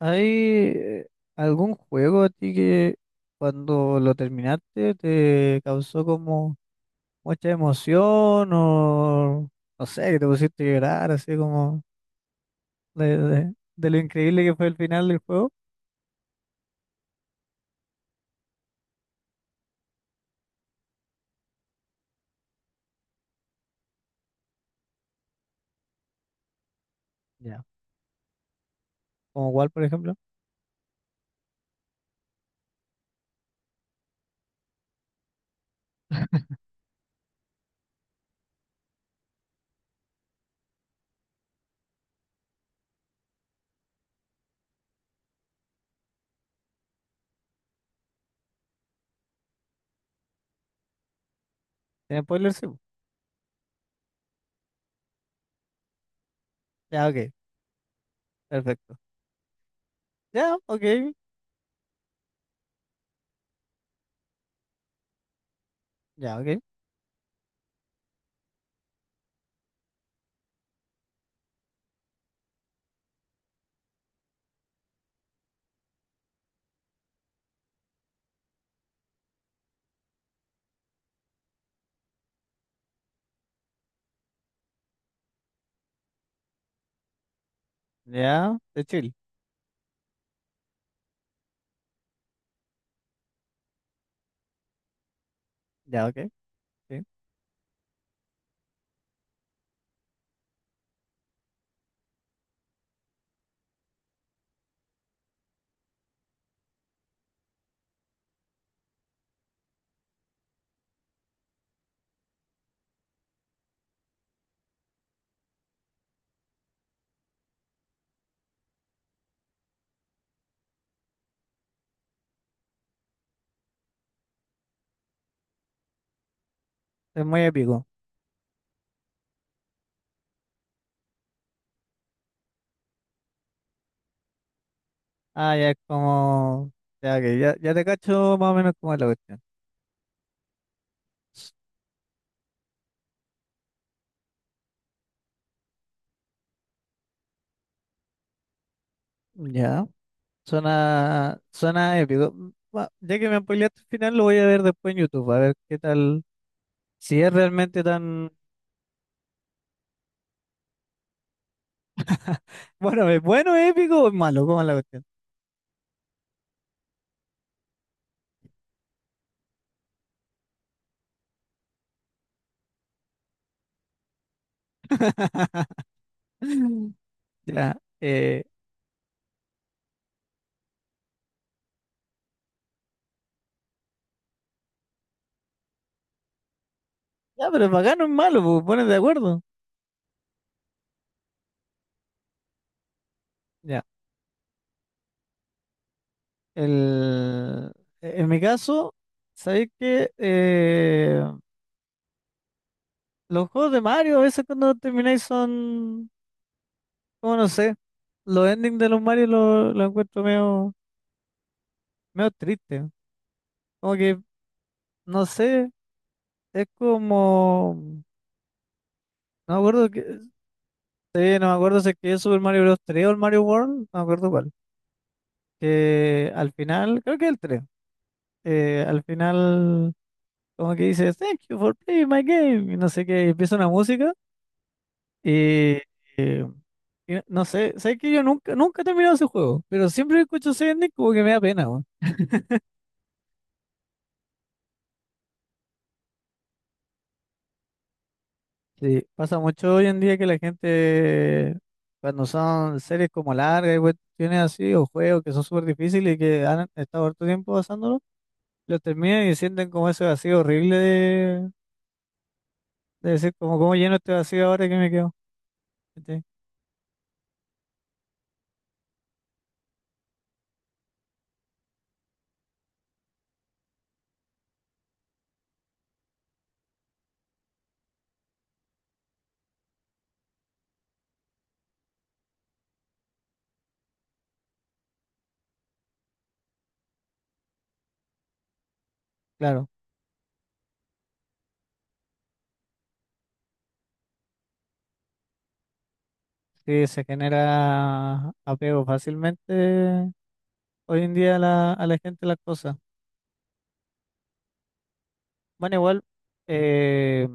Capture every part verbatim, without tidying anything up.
¿Hay eh, algún juego a ti que cuando lo terminaste te causó como mucha emoción o no sé, que te pusiste a llorar así como de, de- de lo increíble que fue el final del juego? Ya. ¿Como cuál, por ejemplo? ¿Tiene spoilers? Sí. Ya, ok, perfecto. Ya, ok, ya, ok. Ya, de chill. Ya, ok, sí. Es muy épico. Ah, ya es como... Ya, ok, ya, ya te cacho más o menos como es la cuestión. Ya. Suena, suena épico. Va, ya que me spoileaste el final, lo voy a ver después en YouTube, a ver qué tal, si es realmente tan, bueno, es bueno, es épico o es malo, ¿cómo es la cuestión? Ya, eh, ya, pero es bacano, es malo, pues pones de acuerdo. Ya, el, en mi caso, sabéis que eh, los juegos de Mario a veces cuando termináis son, como no sé, los endings de los Mario los lo lo encuentro medio, medio triste. Como que, no sé. Es como, no me acuerdo que, sí, no me acuerdo si es que es Super Mario Bros. tres o el Mario World, no me acuerdo cuál. Que al final, creo que el tres, eh, al final como que dice, Thank you for playing my game, y no sé qué, y empieza una música y, eh, y no no sé, sé que yo nunca, nunca he terminado ese juego, pero siempre que escucho ese ending como que me da pena, weón. Sí, pasa mucho hoy en día que la gente, cuando son series como largas y cuestiones así, o juegos que son súper difíciles y que han estado harto tiempo pasándolo, lo terminan y sienten como ese vacío horrible de, de decir como cómo lleno este vacío ahora que me quedo. ¿Cachai? Claro, sí se genera apego fácilmente hoy en día a la, a la gente a las cosas. Bueno, igual eh,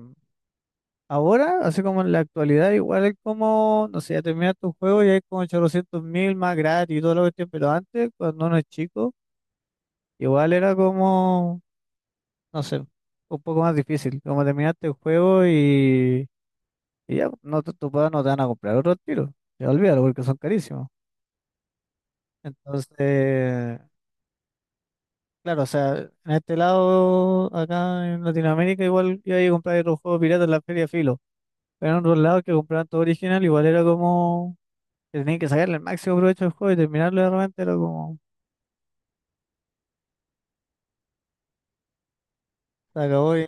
ahora, así como en la actualidad, igual es como, no sé, ya terminas tu juego y hay como ochocientos mil más gratis y todo lo que tiene, pero antes, cuando uno es chico, igual era como, no sé, un poco más difícil, como terminaste el juego y Y ya, no, te- tus papás no te van a comprar otro tiro. Ya olvídalo porque son carísimos. Entonces, claro, o sea, en este lado, acá en Latinoamérica, igual iba a comprar otro juego pirata en la feria filo. Pero en otros lados que compraban todo original, igual era como que tenían que sacarle el máximo provecho al juego y terminarlo de repente era como se acabó. Y,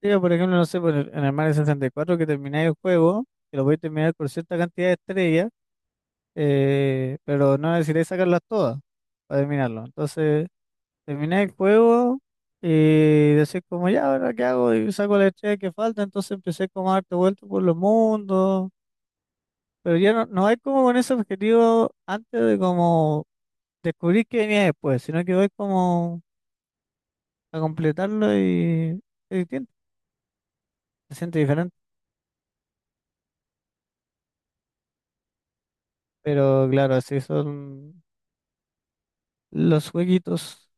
tío, por ejemplo, no sé, por el- en el Mario sesenta y cuatro que termináis el juego, que lo podéis terminar por cierta cantidad de estrellas, eh, pero no necesitáis sacarlas todas para terminarlo. Entonces. Terminé el juego y decís como, ya, ¿ahora qué hago? Y saco la estrella que falta, entonces empecé como a darte vueltas por los mundos, pero ya no, no hay como con ese objetivo antes de como descubrir qué venía después, sino que voy como a completarlo y es distinto, se siente diferente, pero claro, así son los jueguitos.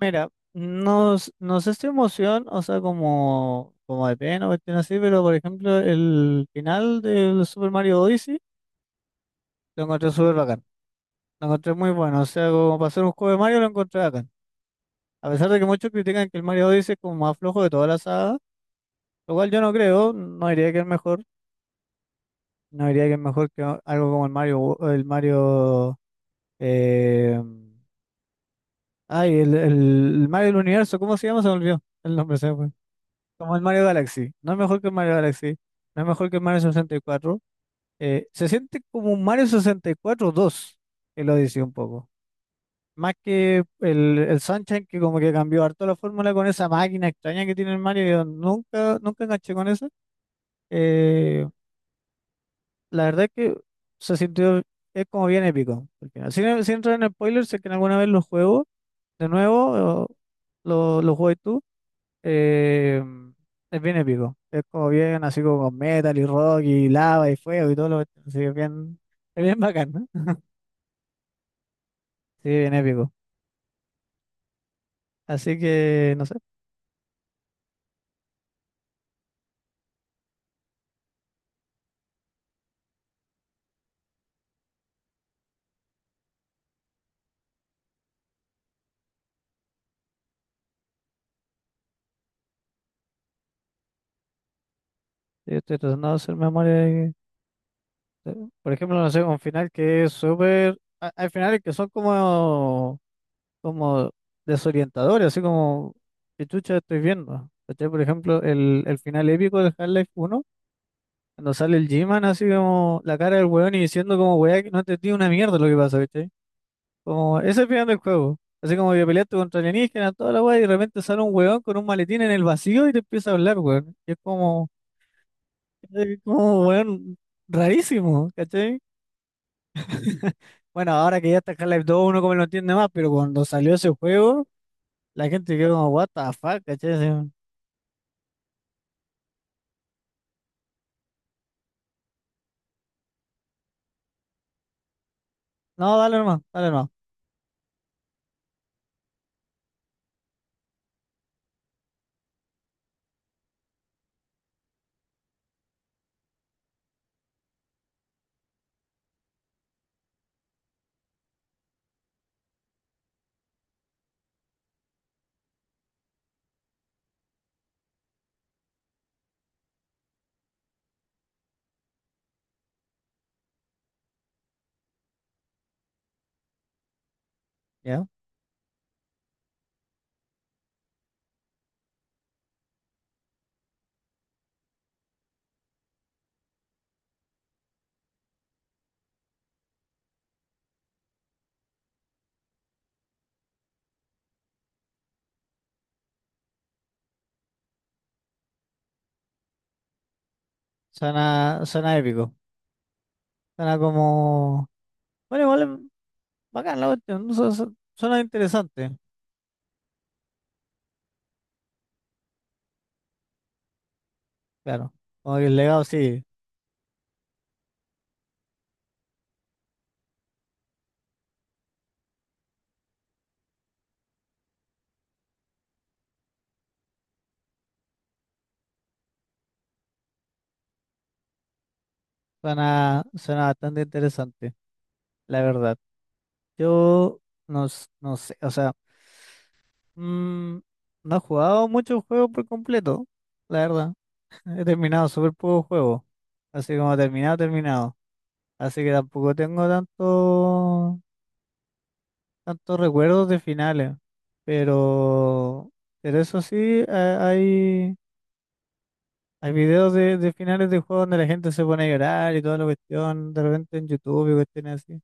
Mira, no, s- no sé si emoción, o sea, como, como de pena o cuestión así, pero por ejemplo, el final del Super Mario Odyssey. Lo encontré súper bacán. Lo encontré muy bueno. O sea, como para hacer un juego de Mario, lo encontré bacán. A pesar de que muchos critican que el Mario Odyssey es como más flojo de toda la saga, lo cual yo no creo. No diría que es mejor. No diría que es mejor que o- algo como el Mario. Wo- El Mario. eh, ay, el, el- el Mario del Universo. ¿Cómo se llama? Se me olvidó. El nombre se me fue. Como el Mario Galaxy. No es mejor que el Mario Galaxy. No es mejor que el Mario sesenta y cuatro. Eh, se siente como un Mario sesenta y cuatro dos. El Odyssey un poco. Más que el, el Sunshine, que como que cambió harto la fórmula con esa máquina extraña que tiene el Mario, yo nunca, nunca enganché con eso. Eh, la verdad es que se sintió, es como bien épico al final. Sin, sin entrar en spoilers, sé que alguna vez lo juego de nuevo, o lo, lo juegas tú, eh, es bien épico. Es como bien, así como con metal y rock y lava y fuego y todo lo que... así que es bien, es bien bacán, ¿no? Sí, bien épico. Así que, no sé, yo estoy tratando de hacer memoria. Sí. Por ejemplo, no sé, un final que es súper... ha- Hay finales que son como, como desorientadores, así como, ¿qué chucha estoy viendo? ¿Cachai? Por ejemplo, el, el final épico de Half-Life uno, cuando sale el G-Man así como la cara del weón y diciendo como, weá, que no entendí una mierda lo que pasa, ¿cachai? Como, ese es el final del juego. Así como que peleaste contra alienígenas, toda la weá, y de repente sale un weón con un maletín en el vacío y te empieza a hablar, weón. Y es como, es como, weón, rarísimo, ¿cachai? Bueno, ahora que ya está Half-Life dos, uno como lo entiende más, pero cuando salió ese juego, la gente quedó como, what the fuck, ¿cachai? Así, no, dale nomás, dale nomás. Ya, suena, suena épico. Suena como, bueno, igual es bacán la cuestión, ¿no? su- su- suena interesante, claro. Como que el legado sí, suena, suena bastante interesante, la verdad. Yo no, s- no sé, o sea, mm, no he jugado muchos juegos por completo, la verdad. He terminado súper pocos juegos. Así como terminado, terminado. Así que tampoco tengo tanto, tantos recuerdos de finales. Pero, pero eso sí, ha- hay, hay videos de, de finales de juegos donde la gente se pone a llorar y toda la cuestión, de repente en YouTube y cuestiones así.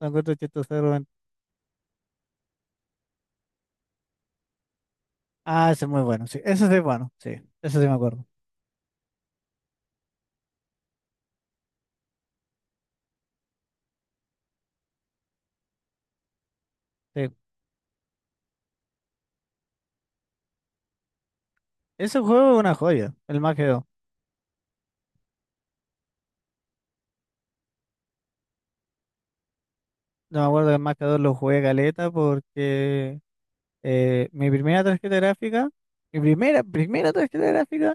Lo encuentro chistoso de repente. Ah, ese es muy bueno, sí. Ese sí es bueno, sí. Ese sí me acuerdo. Sí. Ese juego es una joya, el Mafia dos. Yo me acuerdo que el Mafia dos lo jugué caleta porque Eh, mi primera tarjeta gráfica, mi primera, primera tarjeta gráfica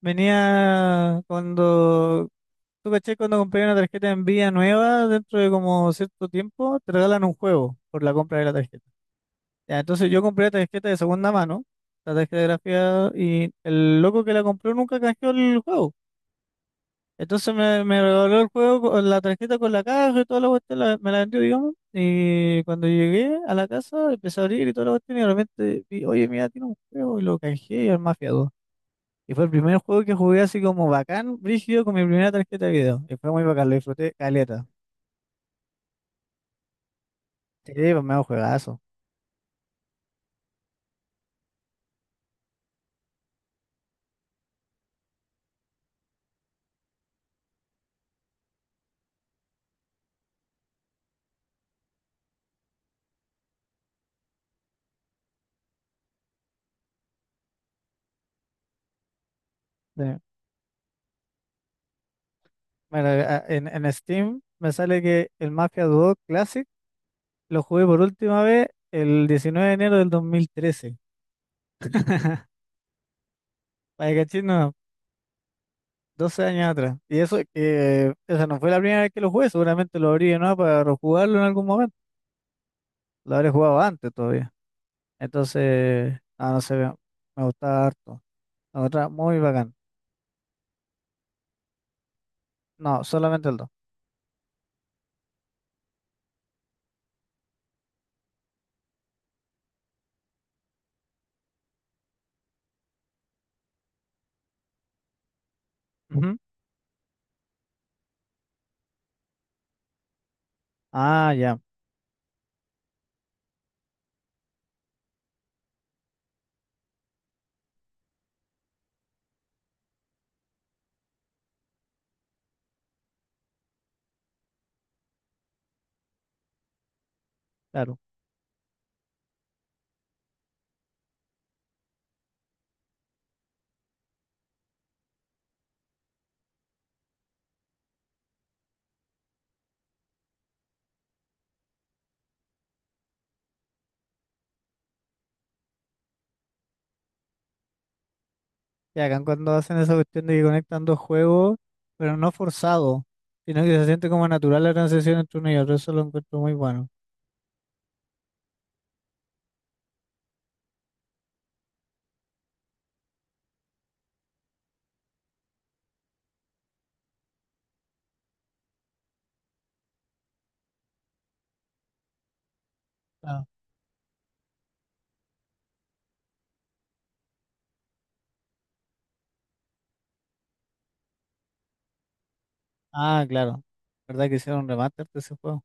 venía cuando, tú caché, cuando compré una tarjeta en vía nueva, dentro de como cierto tiempo, te regalan un juego por la compra de la tarjeta. Ya, entonces yo compré la tarjeta de segunda mano, la tarjeta gráfica, y el loco que la compró nunca canjeó el juego. Entonces me, me regaló el juego con la tarjeta con la caja y toda la cuestión, la- me la vendió, digamos. Y cuando llegué a la casa, empecé a abrir y toda la cuestión, y de repente vi, oye, mira, tiene un juego, y lo canjeé y el Mafia dos. Y fue el primer juego que jugué así como bacán, brígido, con mi primera tarjeta de video. Y fue muy bacán, lo disfruté caleta. Sí, pues me juegazo. Sí. Bueno, a- en, en Steam me sale que el Mafia dos Classic lo jugué por última vez el diecinueve de enero del dos mil trece. Para que cachis, no, doce años atrás. Y eso, eh, esa no fue la primera vez que lo jugué, seguramente lo abrí no para rejugarlo en algún momento. Lo habré jugado antes todavía. Entonces, ah, no sé, me me gustaba harto. La otra, muy bacán. No, solamente el dos. Ujú. Ah, ya, claro. Ya acá cuando hacen esa cuestión de que conectan dos juegos, pero no forzado, sino que se siente como natural la transición entre uno y otro, eso lo encuentro muy bueno. Ah, ah, claro. ¿Verdad que hicieron un remaster de ese juego?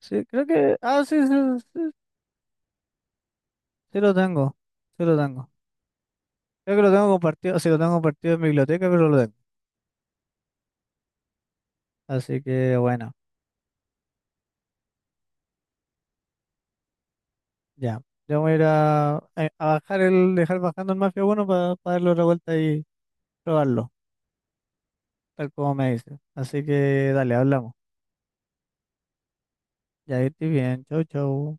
Sí, creo que. Ah, sí, sí. Sí lo tengo, sí lo tengo. Creo que lo tengo compartido, sí lo tengo compartido en mi biblioteca, pero lo tengo. Así que bueno, ya. Yo voy a ir a, a- a bajar el, dejar bajando el Mafia uno para darle otra vuelta y probarlo, tal como me dice. Así que dale, hablamos. Ya estoy bien, chau, chau.